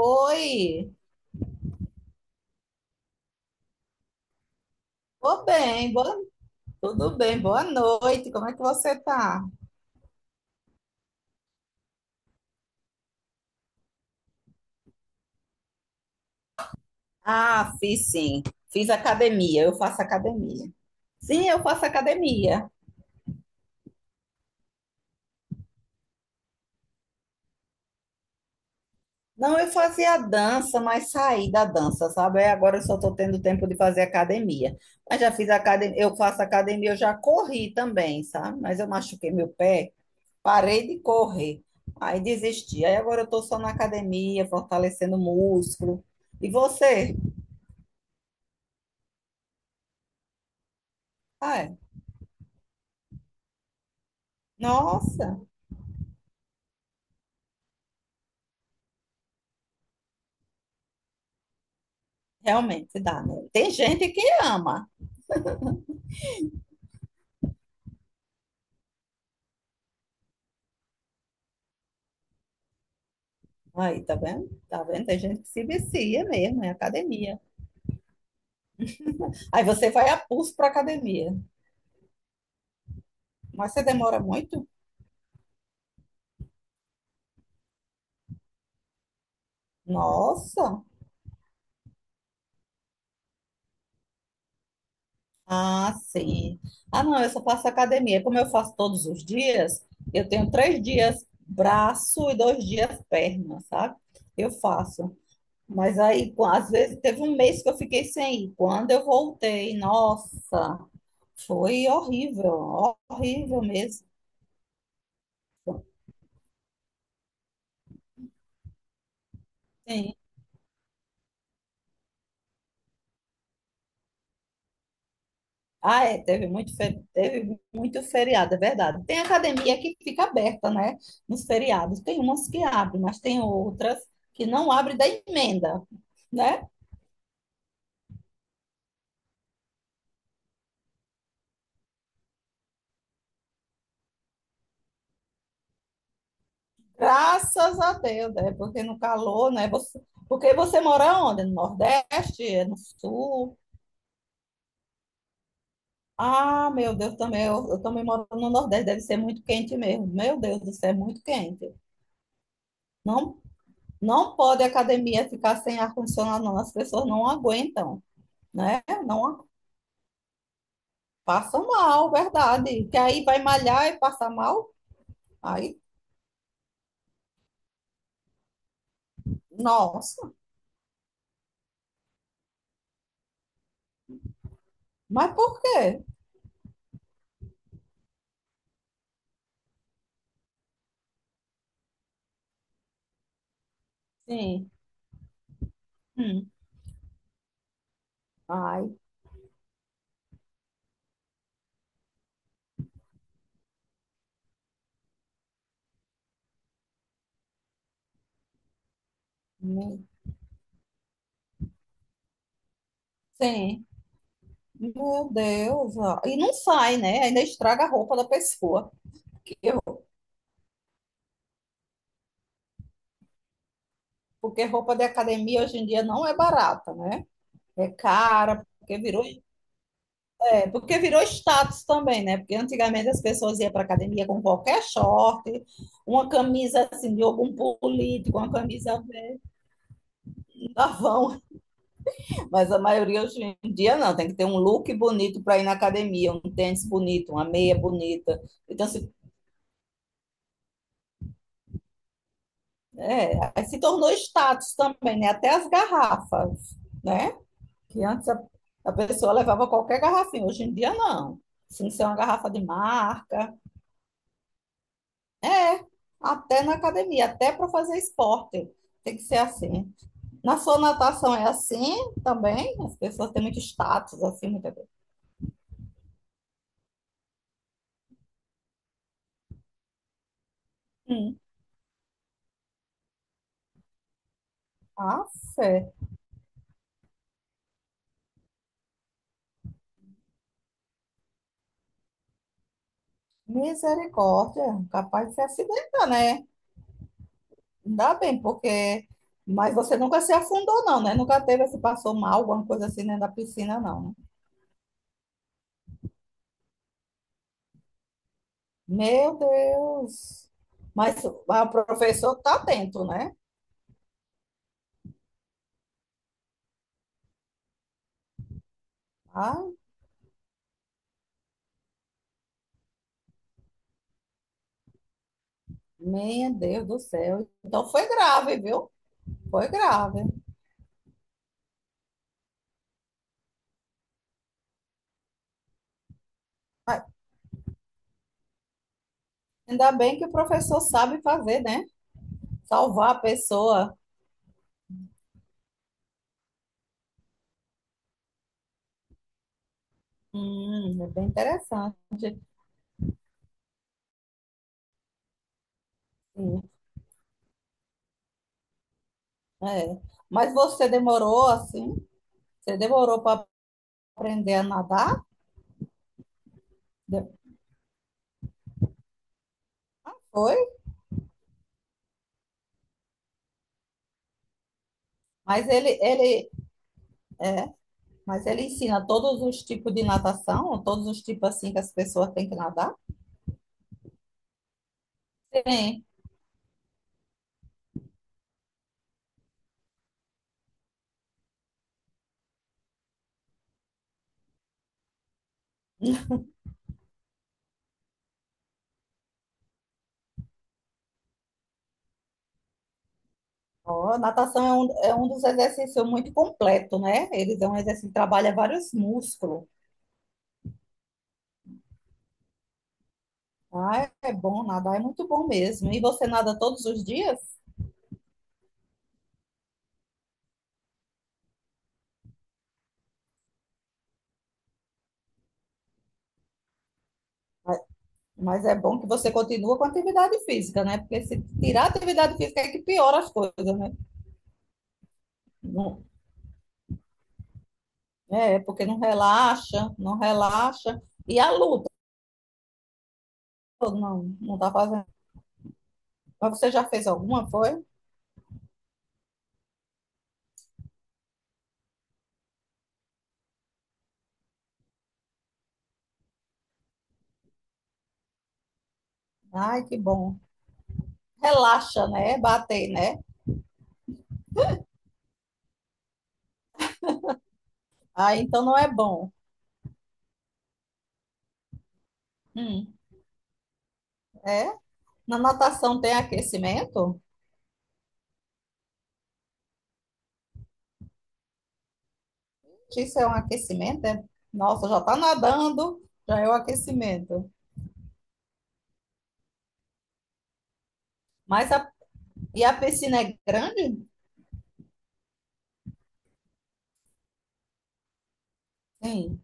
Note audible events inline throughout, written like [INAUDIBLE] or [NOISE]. Oi, tô bem, tudo bem, boa noite, como é que você tá? Ah, fiz sim, fiz academia, eu faço academia. Sim, eu faço academia. Não, eu fazia dança, mas saí da dança, sabe? Aí agora eu só tô tendo tempo de fazer academia. Mas já fiz academia, eu faço academia, eu já corri também, sabe? Mas eu machuquei meu pé, parei de correr, aí desisti. Aí agora eu tô só na academia, fortalecendo o músculo. E você? Ai, nossa! Realmente dá, né? Tem gente que ama. Aí, tá vendo? Tá vendo? Tem gente que se vicia mesmo em academia. Aí você vai a pulso para academia. Mas você demora muito? Nossa! Ah, sim. Ah, não, eu só faço academia. Como eu faço todos os dias, eu tenho três dias braço e dois dias perna, sabe? Eu faço. Mas aí, às vezes, teve um mês que eu fiquei sem ir. Quando eu voltei, nossa, foi horrível, horrível mesmo. Sim. Ah, é, teve muito, teve muito feriado, é verdade. Tem academia que fica aberta, né? Nos feriados. Tem umas que abrem, mas tem outras que não abrem da emenda, né? Graças a Deus, né? Porque no calor, né? Você, porque você mora onde? No Nordeste? É no Sul? Ah, meu Deus, também eu também moro no Nordeste, deve ser muito quente mesmo. Meu Deus do céu, é muito quente. Não, não pode a academia ficar sem ar-condicionado, não. As pessoas não aguentam, né? Não passa mal, verdade. Que aí vai malhar e passa mal. Aí, nossa. Mas por quê? Sim. Hum. Ai, hum. Sim. Meu Deus, ó. E não sai, né? Ainda estraga a roupa da pessoa. Que eu- Porque roupa de academia hoje em dia não é barata, né? É cara, porque virou, é, porque virou status também, né? Porque antigamente as pessoas iam para academia com qualquer short, uma camisa assim de algum político, uma camisa da Avon. Mas a maioria hoje em dia não, tem que ter um look bonito para ir na academia, um tênis bonito, uma meia bonita. Então, se, é, se tornou status também, né? Até as garrafas, né? Que antes a pessoa levava qualquer garrafinha, hoje em dia não. Se não ser uma garrafa de marca, é, até na academia, até para fazer esporte. Tem que ser assim. Na sua natação é assim também? As pessoas têm muito status, assim, muita coisa. Hum. Ah, fé. Misericórdia, capaz de se acidentar, né? Ainda bem, porque. Mas você nunca se afundou, não, né? Nunca teve, se passou mal, alguma coisa assim dentro da piscina, não, né? Meu Deus! Mas o professor tá atento, né? Ai, meu Deus do céu. Então foi grave, viu? Foi grave. Mas ainda bem que o professor sabe fazer, né? Salvar a pessoa. É bem interessante. Sim, é. Mas você demorou assim? Você demorou para aprender a nadar, foi, mas ele, é, mas ele ensina todos os tipos de natação, todos os tipos assim que as pessoas têm que nadar. Sim. Ó, natação é um dos exercícios muito completo, né? Eles é um exercício que trabalha vários músculos. Ah, é bom nadar, é muito bom mesmo. E você nada todos os dias? Mas mas é bom que você continua com atividade física, né? Porque se tirar a atividade física é que piora as coisas, né? Não- É, porque não relaxa, não relaxa. E a luta, não, não tá fazendo. Mas você já fez alguma, foi? Ai, que bom. Relaxa, né? Bater, né? Ah, então não é bom. Hum, é? Na natação tem aquecimento? Isso é um aquecimento, é? Nossa, já tá nadando, já é o aquecimento. Mas a, e a piscina é grande? Sim,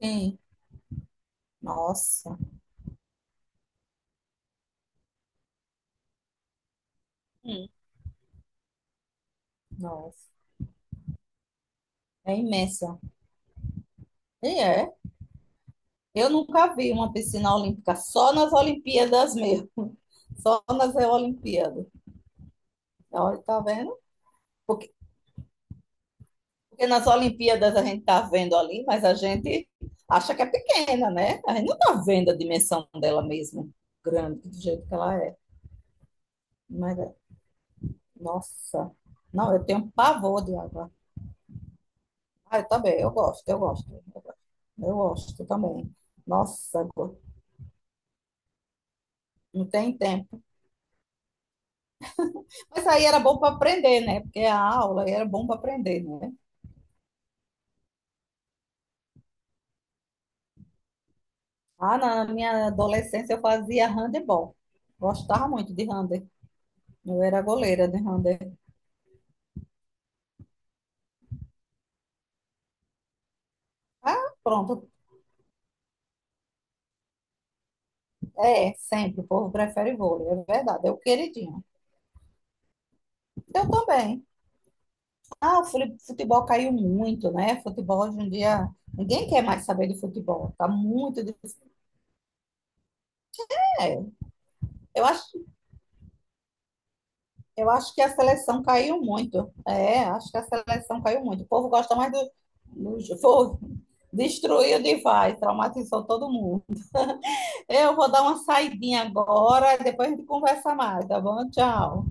sim. Nossa. Hum. Nossa. É imensa. E é. Eu nunca vi uma piscina olímpica, só nas Olimpíadas mesmo. [LAUGHS] Só nas Olimpíadas. Olha, tá vendo? Porque, porque nas Olimpíadas a gente tá vendo ali, mas a gente acha que é pequena, né? A gente não tá vendo a dimensão dela mesmo, grande, do jeito que ela é. Mas, é- nossa, não, eu tenho pavor de água. Ah, eu também, eu gosto, eu gosto, eu gosto, eu gosto também. Nossa, não tem tempo. Mas aí era bom para aprender, né? Porque a aula aí era bom para aprender, né? Ah, na minha adolescência eu fazia handebol. Gostava muito de handebol. Eu era goleira de handebol. Ah, pronto. É, sempre. O povo prefere vôlei. É verdade. É o queridinho. Eu também. Ah, o futebol caiu muito, né? Futebol hoje em dia. Ninguém quer mais saber de futebol. Tá muito difícil. É, eu acho, eu acho que a seleção caiu muito. É, acho que a seleção caiu muito. O povo gosta mais do. Do foi, [LAUGHS] destruiu demais. Traumatizou todo mundo. Eu vou dar uma saidinha agora, depois a gente conversa mais, tá bom? Tchau.